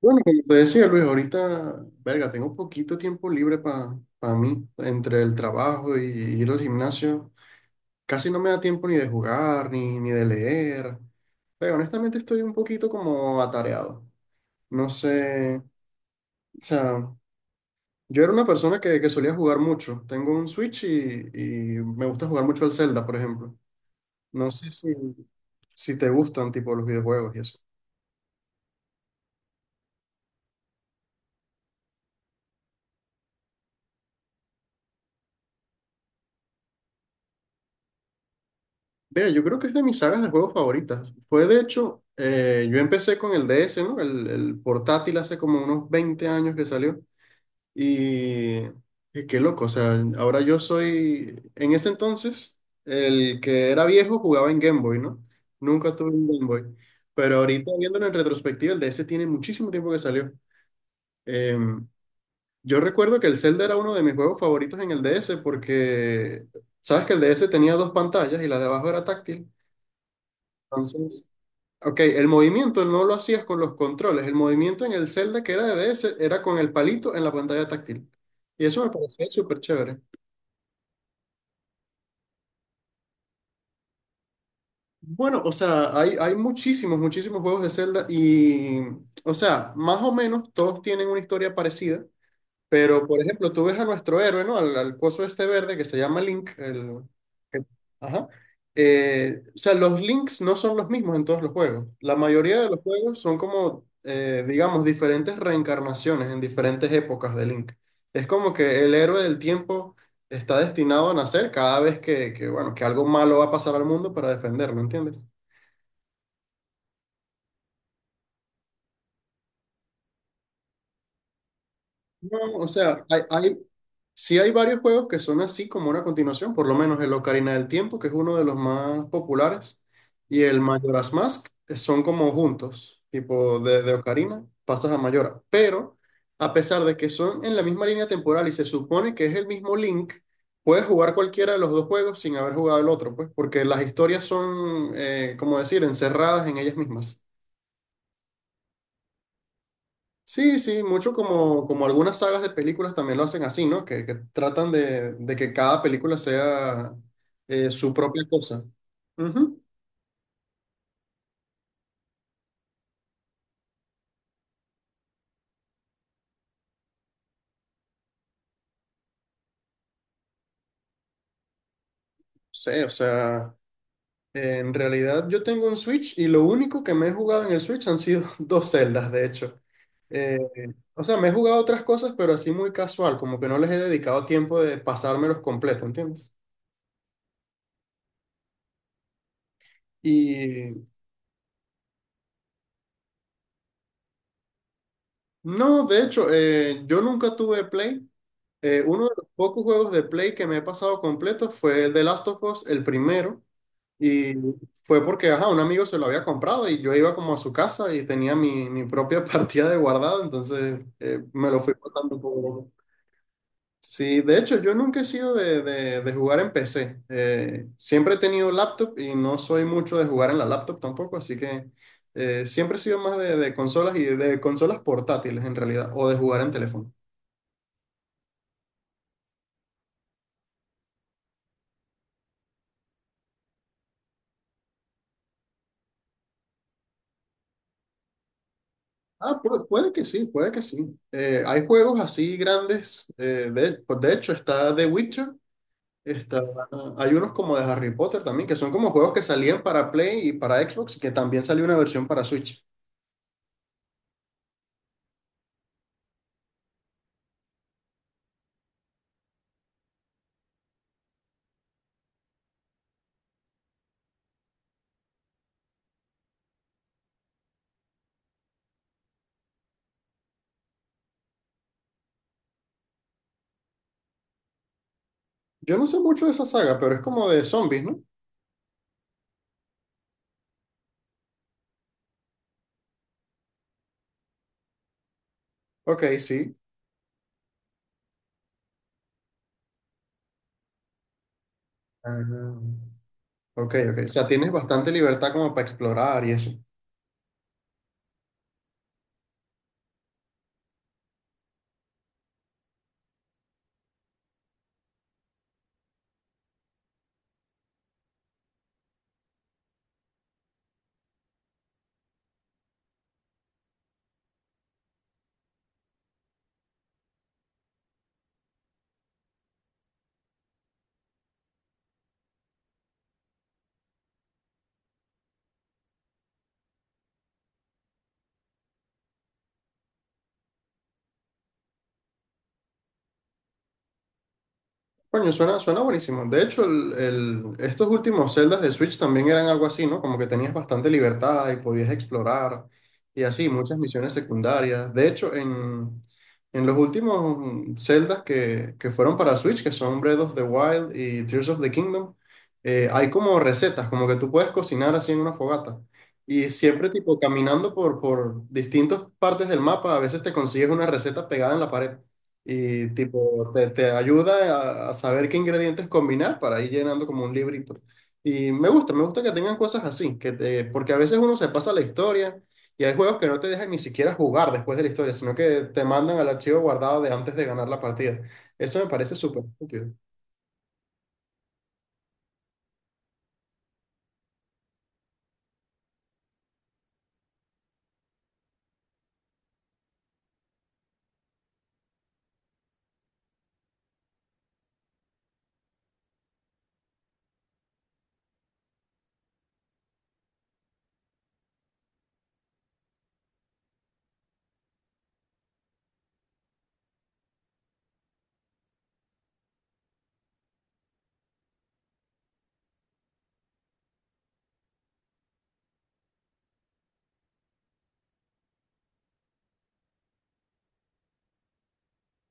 Bueno, como te decía Luis, ahorita, verga, tengo poquito tiempo libre para mí, entre el trabajo y ir al gimnasio. Casi no me da tiempo ni de jugar, ni de leer. Pero honestamente estoy un poquito como atareado. No sé, o sea, yo era una persona que solía jugar mucho. Tengo un Switch y me gusta jugar mucho al Zelda, por ejemplo. No sé si te gustan tipo los videojuegos y eso. Vea, yo creo que es de mis sagas de juegos favoritas. Fue de hecho, yo empecé con el DS, ¿no? El portátil hace como unos 20 años que salió. Y, y qué loco, o sea, ahora yo soy, en ese entonces, el que era viejo jugaba en Game Boy, ¿no? Nunca tuve un Game Boy. Pero ahorita viéndolo en retrospectiva, el DS tiene muchísimo tiempo que salió. Em, yo recuerdo que el Zelda era uno de mis juegos favoritos en el DS porque, ¿sabes que el DS tenía dos pantallas y la de abajo era táctil? Entonces. Ok, el movimiento no lo hacías con los controles, el movimiento en el Zelda que era de DS era con el palito en la pantalla táctil. Y eso me parecía súper chévere. Bueno, o sea, hay muchísimos, muchísimos juegos de Zelda y, o sea, más o menos todos tienen una historia parecida. Pero, por ejemplo, tú ves a nuestro héroe, ¿no? Al coso este verde que se llama Link. Que- ajá. O sea, los links no son los mismos en todos los juegos. La mayoría de los juegos son como, digamos, diferentes reencarnaciones en diferentes épocas de Link. Es como que el héroe del tiempo está destinado a nacer cada vez que, bueno, que algo malo va a pasar al mundo para defenderlo, ¿entiendes? No, o sea, sí hay varios juegos que son así como una continuación, por lo menos el Ocarina del Tiempo, que es uno de los más populares, y el Majora's Mask son como juntos, tipo de Ocarina, pasas a Majora. Pero a pesar de que son en la misma línea temporal y se supone que es el mismo Link, puedes jugar cualquiera de los dos juegos sin haber jugado el otro, pues, porque las historias son, como decir, encerradas en ellas mismas. Sí, sí, mucho como algunas sagas de películas también lo hacen así, ¿no? Que tratan de que cada película sea su propia cosa. Ujú. Sí, o sea, en realidad yo tengo un Switch y lo único que me he jugado en el Switch han sido dos celdas, de hecho. Eh, o sea, me he jugado otras cosas, pero así muy casual, como que no les he dedicado tiempo de pasármelos completo, ¿entiendes? Y no, de hecho, yo nunca tuve Play. Uno de los pocos juegos de Play que me he pasado completo fue el de Last of Us, el primero, y fue porque, ajá, un amigo se lo había comprado y yo iba como a su casa y tenía mi propia partida de guardado, entonces me lo fui pasando poco a poco. Sí, de hecho, yo nunca he sido de jugar en PC. Siempre he tenido laptop y no soy mucho de jugar en la laptop tampoco, así que siempre he sido más de consolas y de consolas portátiles en realidad, o de jugar en teléfono. Ah, puede, que sí, puede que sí. Hay juegos así grandes. Pues de hecho, está The Witcher. Está, Hay unos como de Harry Potter también, que son como juegos que salían para Play y para Xbox y que también salió una versión para Switch. Yo no sé mucho de esa saga, pero es como de zombies, ¿no? Ok, sí. Ah, ok, ok. O sea, tienes bastante libertad como para explorar y eso. Coño, suena buenísimo. De hecho, estos últimos celdas de Switch también eran algo así, ¿no? Como que tenías bastante libertad y podías explorar y así, muchas misiones secundarias. De hecho, en los últimos celdas que fueron para Switch, que son Breath of the Wild y Tears of the Kingdom, hay como recetas, como que tú puedes cocinar así en una fogata. Y siempre, tipo, caminando por distintas partes del mapa, a veces te consigues una receta pegada en la pared. Y tipo, te ayuda a saber qué ingredientes combinar para ir llenando como un librito. Y me gusta que tengan cosas así, porque a veces uno se pasa la historia y hay juegos que no te dejan ni siquiera jugar después de la historia, sino que te mandan al archivo guardado de antes de ganar la partida. Eso me parece súper útil.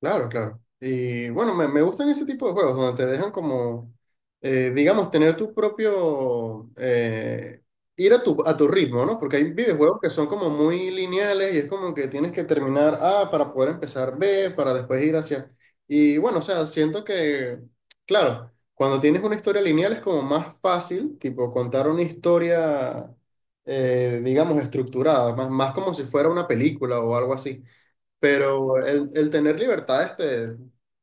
Claro, claro. Y bueno, me gustan ese tipo de juegos donde te dejan como, digamos, tener tu propio, ir a tu ritmo, ¿no? Porque hay videojuegos que son como muy lineales y es como que tienes que terminar A para poder empezar B, para después ir hacia. Y bueno, o sea, siento que, claro, cuando tienes una historia lineal es como más fácil, tipo, contar una historia, digamos, estructurada, más, más como si fuera una película o algo así. Pero el tener libertades te,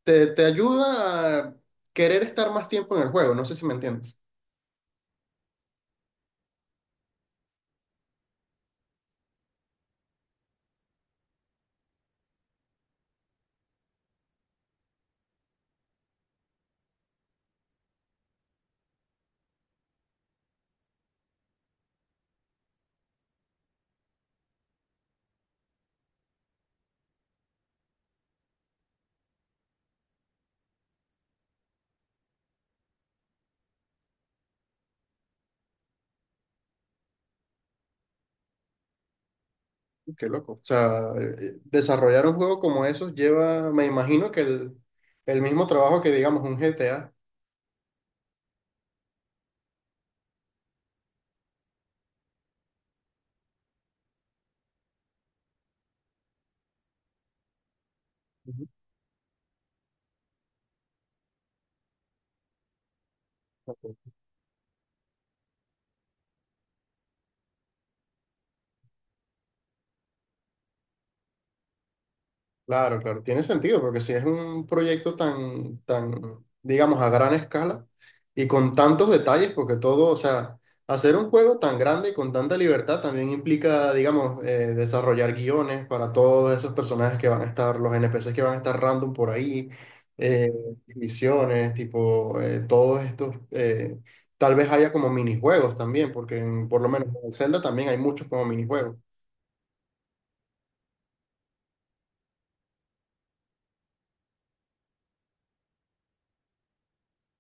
te, te ayuda a querer estar más tiempo en el juego. No sé si me entiendes. Qué loco. O sea, desarrollar un juego como eso lleva, me imagino que el mismo trabajo que, digamos, un GTA. Ujú. Ok. Claro, claro, tiene sentido, porque si es un proyecto tan, tan, digamos, a gran escala y con tantos detalles, porque todo, o sea, hacer un juego tan grande y con tanta libertad también implica, digamos, desarrollar guiones para todos esos personajes que van a estar, los NPCs que van a estar random por ahí, eh, misiones, tipo, todos estos, tal vez haya como minijuegos también, porque por lo menos en Zelda también hay muchos como minijuegos.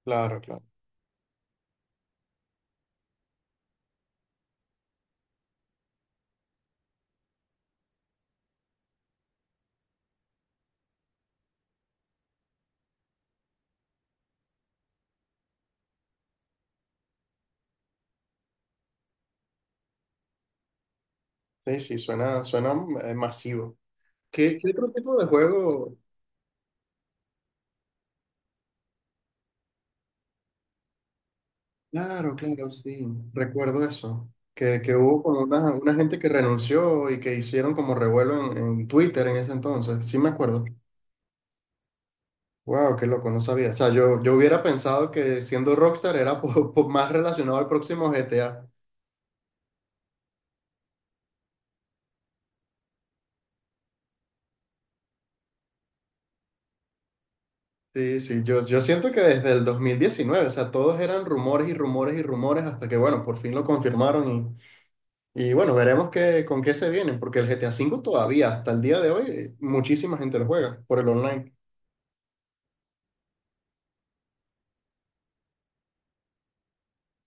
Claro, claro. Sí, sí, suena masivo. ¿Qué otro tipo de juego? Claro, claro, sí, recuerdo eso. Que hubo con una gente que renunció y que hicieron como revuelo en Twitter en ese entonces. Sí me acuerdo. Wow, qué loco, no sabía. O sea, yo hubiera pensado que siendo Rockstar era más relacionado al próximo GTA. Sí, sí, yo siento que desde el 2019, o sea, todos eran rumores y rumores y rumores hasta que, bueno, por fin lo confirmaron. Y bueno, veremos qué, con qué se vienen, porque el GTA 5 todavía, hasta el día de hoy, muchísima gente lo juega por el online.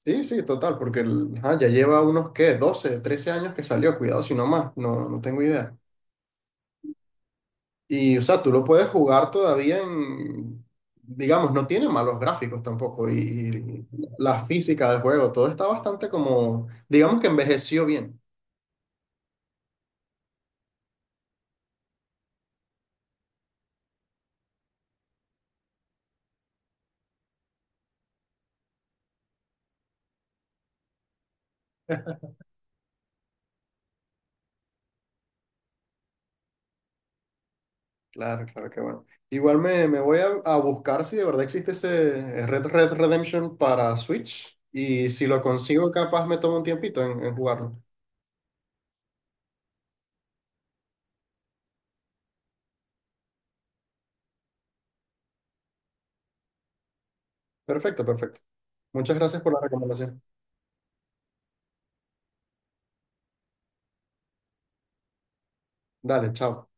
Sí, sí, total, porque ajá, ya lleva unos, ¿qué? 12 13 años que salió, cuidado si no más, no, no tengo idea. Y, o sea, tú lo puedes jugar todavía en, digamos, no tiene malos gráficos tampoco, y la física del juego, todo está bastante como, digamos que envejeció bien. Claro, claro, que bueno. Igual me voy a buscar si de verdad existe ese Red Red Redemption para Switch y si lo consigo capaz me tomo un tiempito en jugarlo. Perfecto, perfecto. Muchas gracias por la recomendación. Dale, chao.